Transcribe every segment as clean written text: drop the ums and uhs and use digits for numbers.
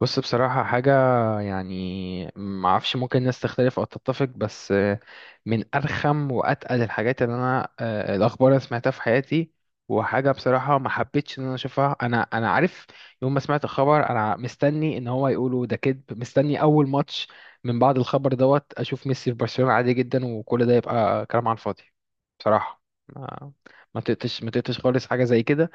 بص، بصراحة حاجة، يعني ما اعرفش ممكن الناس تختلف او تتفق بس من ارخم واتقل الحاجات اللي انا آه، الاخبار اللي سمعتها في حياتي. وحاجة بصراحة ما حبيتش ان انا اشوفها. انا عارف يوم ما سمعت الخبر، انا مستني ان هو يقولوا ده كذب، مستني اول ماتش من بعد الخبر دوت اشوف ميسي في برشلونة عادي جدا، وكل ده يبقى كلام على الفاضي بصراحة. ما ما تقتش ما تقتش خالص حاجة زي كده.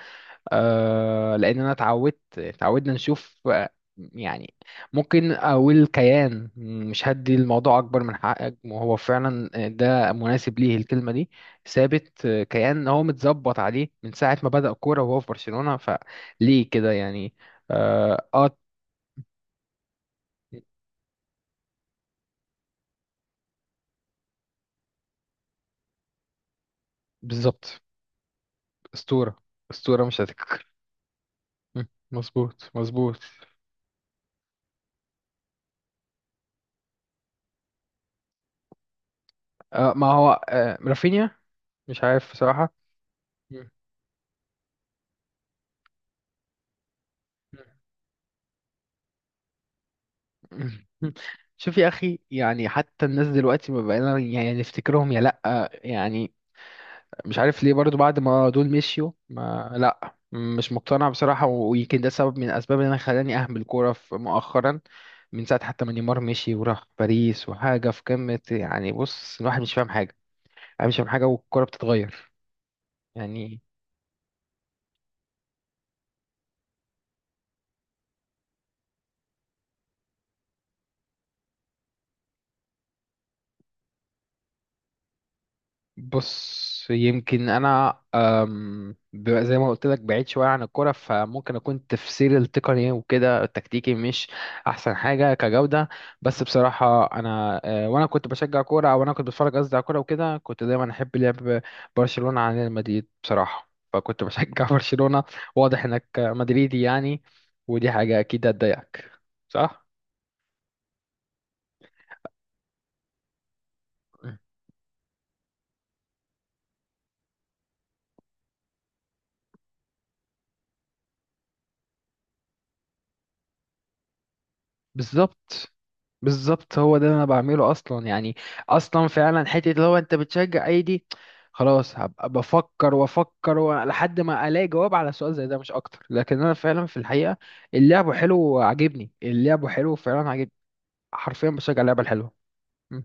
آه، لان انا اتعودت اتعودنا نشوف، يعني ممكن اقول كيان، مش هدي الموضوع اكبر من حقه، وهو فعلا ده مناسب ليه الكلمه دي. ثابت، كيان هو متظبط عليه من ساعه ما بدأ كوره وهو في برشلونه، فليه كده يعني؟ اه. بالظبط. اسطوره، اسطوره مش هتك. م، مظبوط مظبوط. آه، ما هو رافينيا. مش عارف بصراحه. م، م. شوف يا اخي، يعني حتى الناس دلوقتي ما بقينا يعني نفتكرهم يا لا. يعني مش عارف ليه برضو بعد ما دول مشيوا ما لا، مش مقتنع بصراحة. ويمكن ده سبب من الأسباب اللي أنا خلاني أهمل الكورة مؤخرا. من ساعة حتى ما نيمار مشي وراح باريس وحاجة في قمة، يعني بص الواحد مش فاهم حاجة. أنا مش فاهم حاجة والكورة بتتغير. يعني بص، يمكن انا زي ما قلت لك بعيد شويه عن الكوره، فممكن اكون تفسيري التقني وكده التكتيكي مش احسن حاجه كجوده. بس بصراحه انا، وانا كنت بشجع كوره، او انا كنت بتفرج قصدي على كوره وكده، كنت دايما احب لعب برشلونه عن ريال مدريد بصراحه، فكنت بشجع برشلونه. واضح انك مدريدي يعني، ودي حاجه اكيد هتضايقك، صح؟ بالظبط، بالظبط هو ده اللي انا بعمله اصلا، يعني اصلا فعلا، حته اللي هو انت بتشجع اي دي؟ خلاص هبقى بفكر وافكر لحد ما الاقي جواب على سؤال زي ده مش اكتر. لكن انا فعلا في الحقيقه اللعب حلو وعاجبني، اللعب حلو فعلا عاجبني. حرفيا بشجع اللعبه الحلوه. م-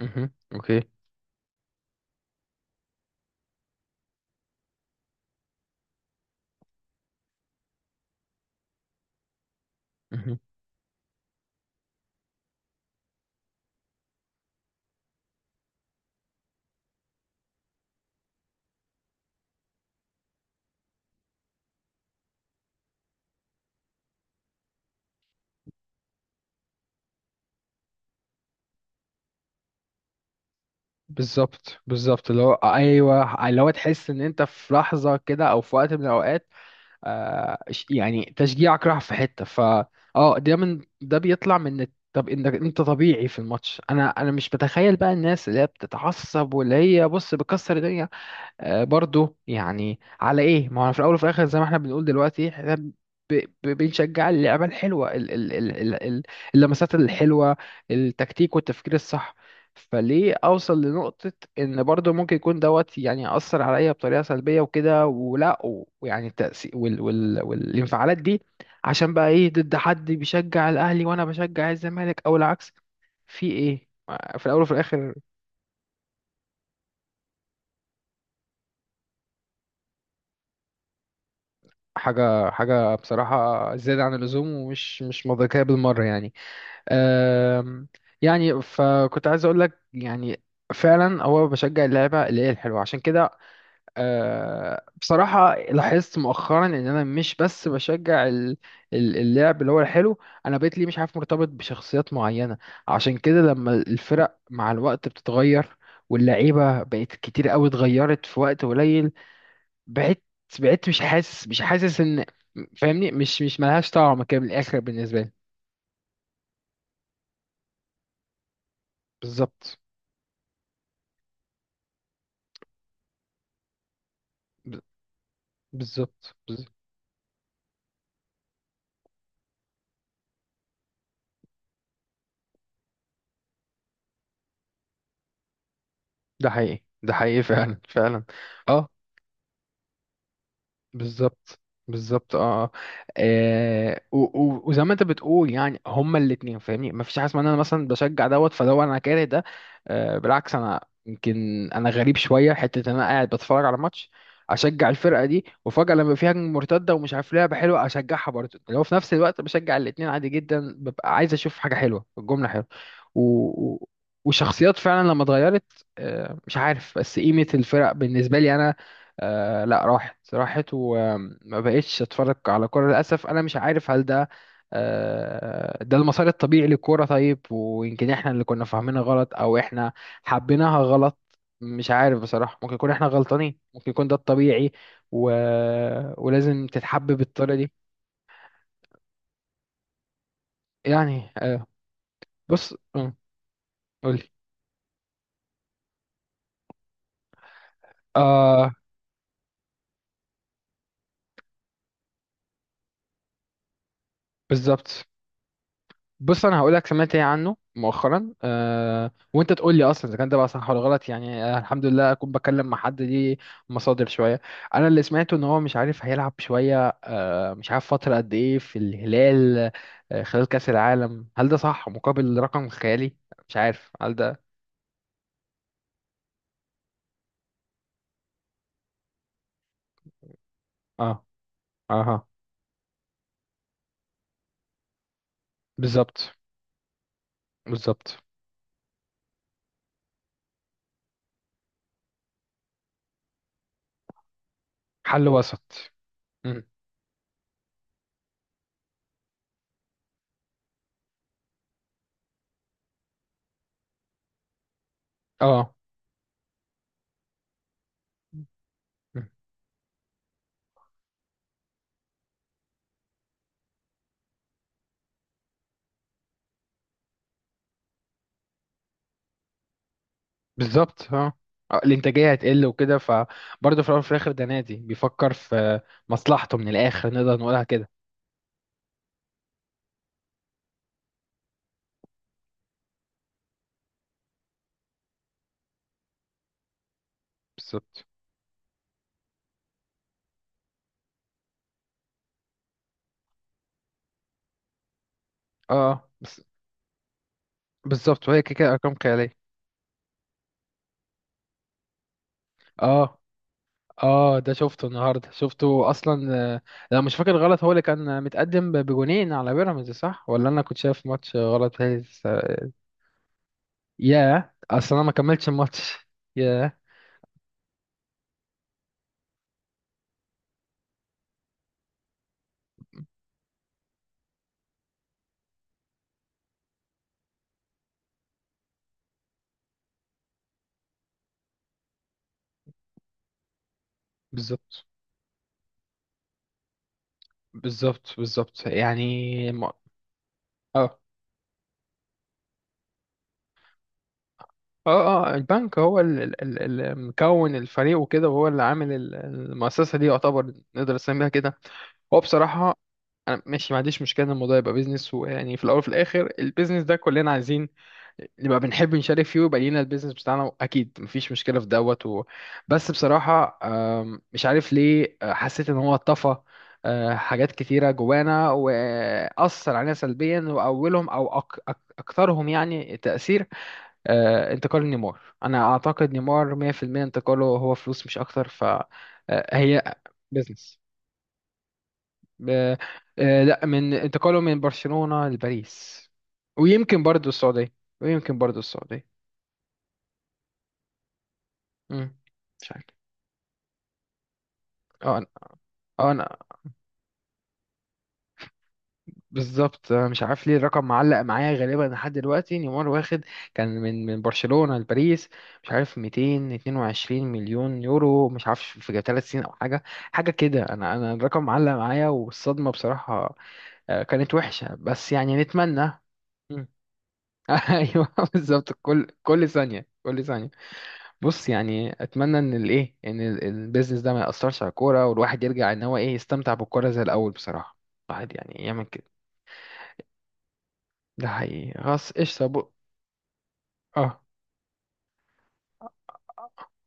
مهم. اوكي. مهم. بالظبط بالظبط، اللي هو ايوه اللي هو تحس ان انت في لحظه كده او في وقت من الاوقات، يعني تشجيعك راح في حتة، ف اه ده من ده بيطلع طب انك انت طبيعي في الماتش. انا مش بتخيل بقى الناس اللي هي بتتعصب واللي هي بص بتكسر الدنيا، برضو يعني على ايه؟ ما هو في الاول وفي الاخر، زي ما احنا بنقول دلوقتي احنا بنشجع اللعبه الحلوه، اللمسات الحلوه، التكتيك والتفكير الصح. فليه اوصل لنقطه ان برضو ممكن يكون دوت يعني ياثر عليا بطريقه سلبيه وكده ولا، ويعني التاثير والانفعالات دي، عشان بقى ايه؟ ضد حد بيشجع الاهلي وانا بشجع الزمالك او العكس؟ في ايه في الاول وفي الاخر؟ حاجة، حاجة بصراحة زيادة عن اللزوم ومش مش منطقية بالمرة يعني. أم، يعني فكنت عايز أقول لك، يعني فعلا هو بشجع اللعبة اللي هي الحلوة. عشان كده بصراحة لاحظت مؤخرا إن أنا مش بس بشجع اللعب اللي هو الحلو. أنا بقيت لي مش عارف مرتبط بشخصيات معينة. عشان كده لما الفرق مع الوقت بتتغير، واللعيبة بقت كتير قوي اتغيرت في وقت قليل، بعدت بعدت، مش حاسس، ان، فاهمني؟ مش ملهاش طعم كده من الاخر بالنسبه لي. بالظبط، ب- بالظبط بالظبط. ده حقيقي ده حقيقي فعلا فعلا. اه بالظبط بالظبط، وزي ما انت بتقول يعني هما الاتنين، فاهمني؟ مفيش حاجه اسمها ان انا مثلا بشجع دوت فدوت انا كاره ده. بالعكس انا، يمكن انا غريب شويه، حته ان انا قاعد بتفرج على ماتش اشجع الفرقه دي، وفجاه لما في هجمه مرتده ومش عارف لعبه حلوه اشجعها برضه، اللي هو في نفس الوقت بشجع الاتنين عادي جدا، ببقى عايز اشوف حاجه حلوه، الجمله حلوه، و... و... وشخصيات فعلا لما اتغيرت، مش عارف بس قيمه الفرق بالنسبه لي انا، لا راحت راحت، وما بقتش اتفرج على كوره للاسف. انا مش عارف هل ده ده المسار الطبيعي للكوره؟ طيب، ويمكن احنا اللي كنا فاهمينها غلط، او احنا حبيناها غلط. مش عارف بصراحه، ممكن يكون احنا غلطانين، ممكن يكون ده الطبيعي و... ولازم تتحب بالطريقه دي. يعني آه. بص، قولي. اه بالظبط. بص انا هقول لك سمعت ايه عنه مؤخرا، وانت تقول لي اصلا اذا كان ده بقى صح ولا غلط. يعني الحمد لله اكون بكلم مع حد ليه مصادر شويه. انا اللي سمعته ان هو مش عارف هيلعب شويه، مش عارف فتره قد ايه في الهلال، خلال كاس العالم، هل ده صح؟ مقابل رقم خيالي، مش عارف هل ده؟ اه. اها. بالظبط بالظبط. حل وسط. مم. اه بالظبط، الانتاجيه هتقل وكده، فبرضه في الاول وفي الاخر ده نادي بيفكر في مصلحته من الاخر، نقدر نقولها كده. بالظبط اه، بس بالظبط، وهي كده كده ارقام خياليه. اه. اه ده شفته النهارده، شفته اصلا، لو مش فاكر غلط هو اللي كان متقدم بجونين على بيراميدز، صح؟ ولا انا كنت شايف ماتش غلط؟ بيراميدز، ياه اصلا انا ما كملتش الماتش. ياه. بالظبط بالظبط بالظبط يعني اه اه اه. البنك هو اللي مكون الفريق وكده، وهو اللي عامل المؤسسة دي، يعتبر نقدر نسميها كده. هو بصراحة أنا ماشي، ما عنديش مشكلة إن الموضوع يبقى بيزنس، ويعني في الأول وفي الآخر البيزنس ده كلنا عايزين نبقى بنحب نشارك فيه، ويبقى لينا البيزنس بتاعنا أكيد، مفيش مشكلة في دوت بس بصراحة مش عارف ليه حسيت إن هو طفى حاجات كتيرة جوانا وأثر علينا سلبيا، وأولهم أو أكثرهم يعني تأثير، انتقال نيمار. انا اعتقد نيمار 100% انتقاله هو فلوس مش اكتر، فهي بزنس. لا، من انتقاله من برشلونة لباريس، ويمكن برضو السعودية، ويمكن برضو السعودية. مم. مش عارف. اه انا، اه انا بالظبط. أنا مش عارف ليه الرقم معلق معايا غالبا لحد دلوقتي، نيمار واخد كان من برشلونة لباريس، مش عارف 222 مليون يورو، مش عارف في 3 سنين او حاجه، حاجه كده، انا الرقم معلق معايا والصدمه بصراحه، كانت وحشه، بس يعني نتمنى. مم. ايوه بالظبط. كل كل ثانيه، كل ثانيه. بص يعني اتمنى ان الايه، ان البيزنس ده ما ياثرش على الكوره، والواحد يرجع ان هو ايه، يستمتع بالكوره زي الاول بصراحه. الواحد يعني يعمل كده. ده حقيقي خلاص قشطة اه،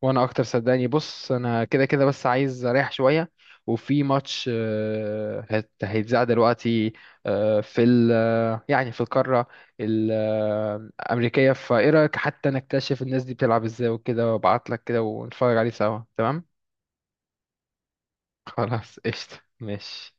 وانا اكتر صدقني. بص انا كده كده بس عايز اريح شوية. وفي ماتش، هيتذاع دلوقتي آه، في ال آه، يعني في القارة الأمريكية، فايه رأيك حتى نكتشف الناس دي بتلعب ازاي وكده، وابعتلك كده ونتفرج عليه سوا، تمام؟ خلاص قشطة ماشي.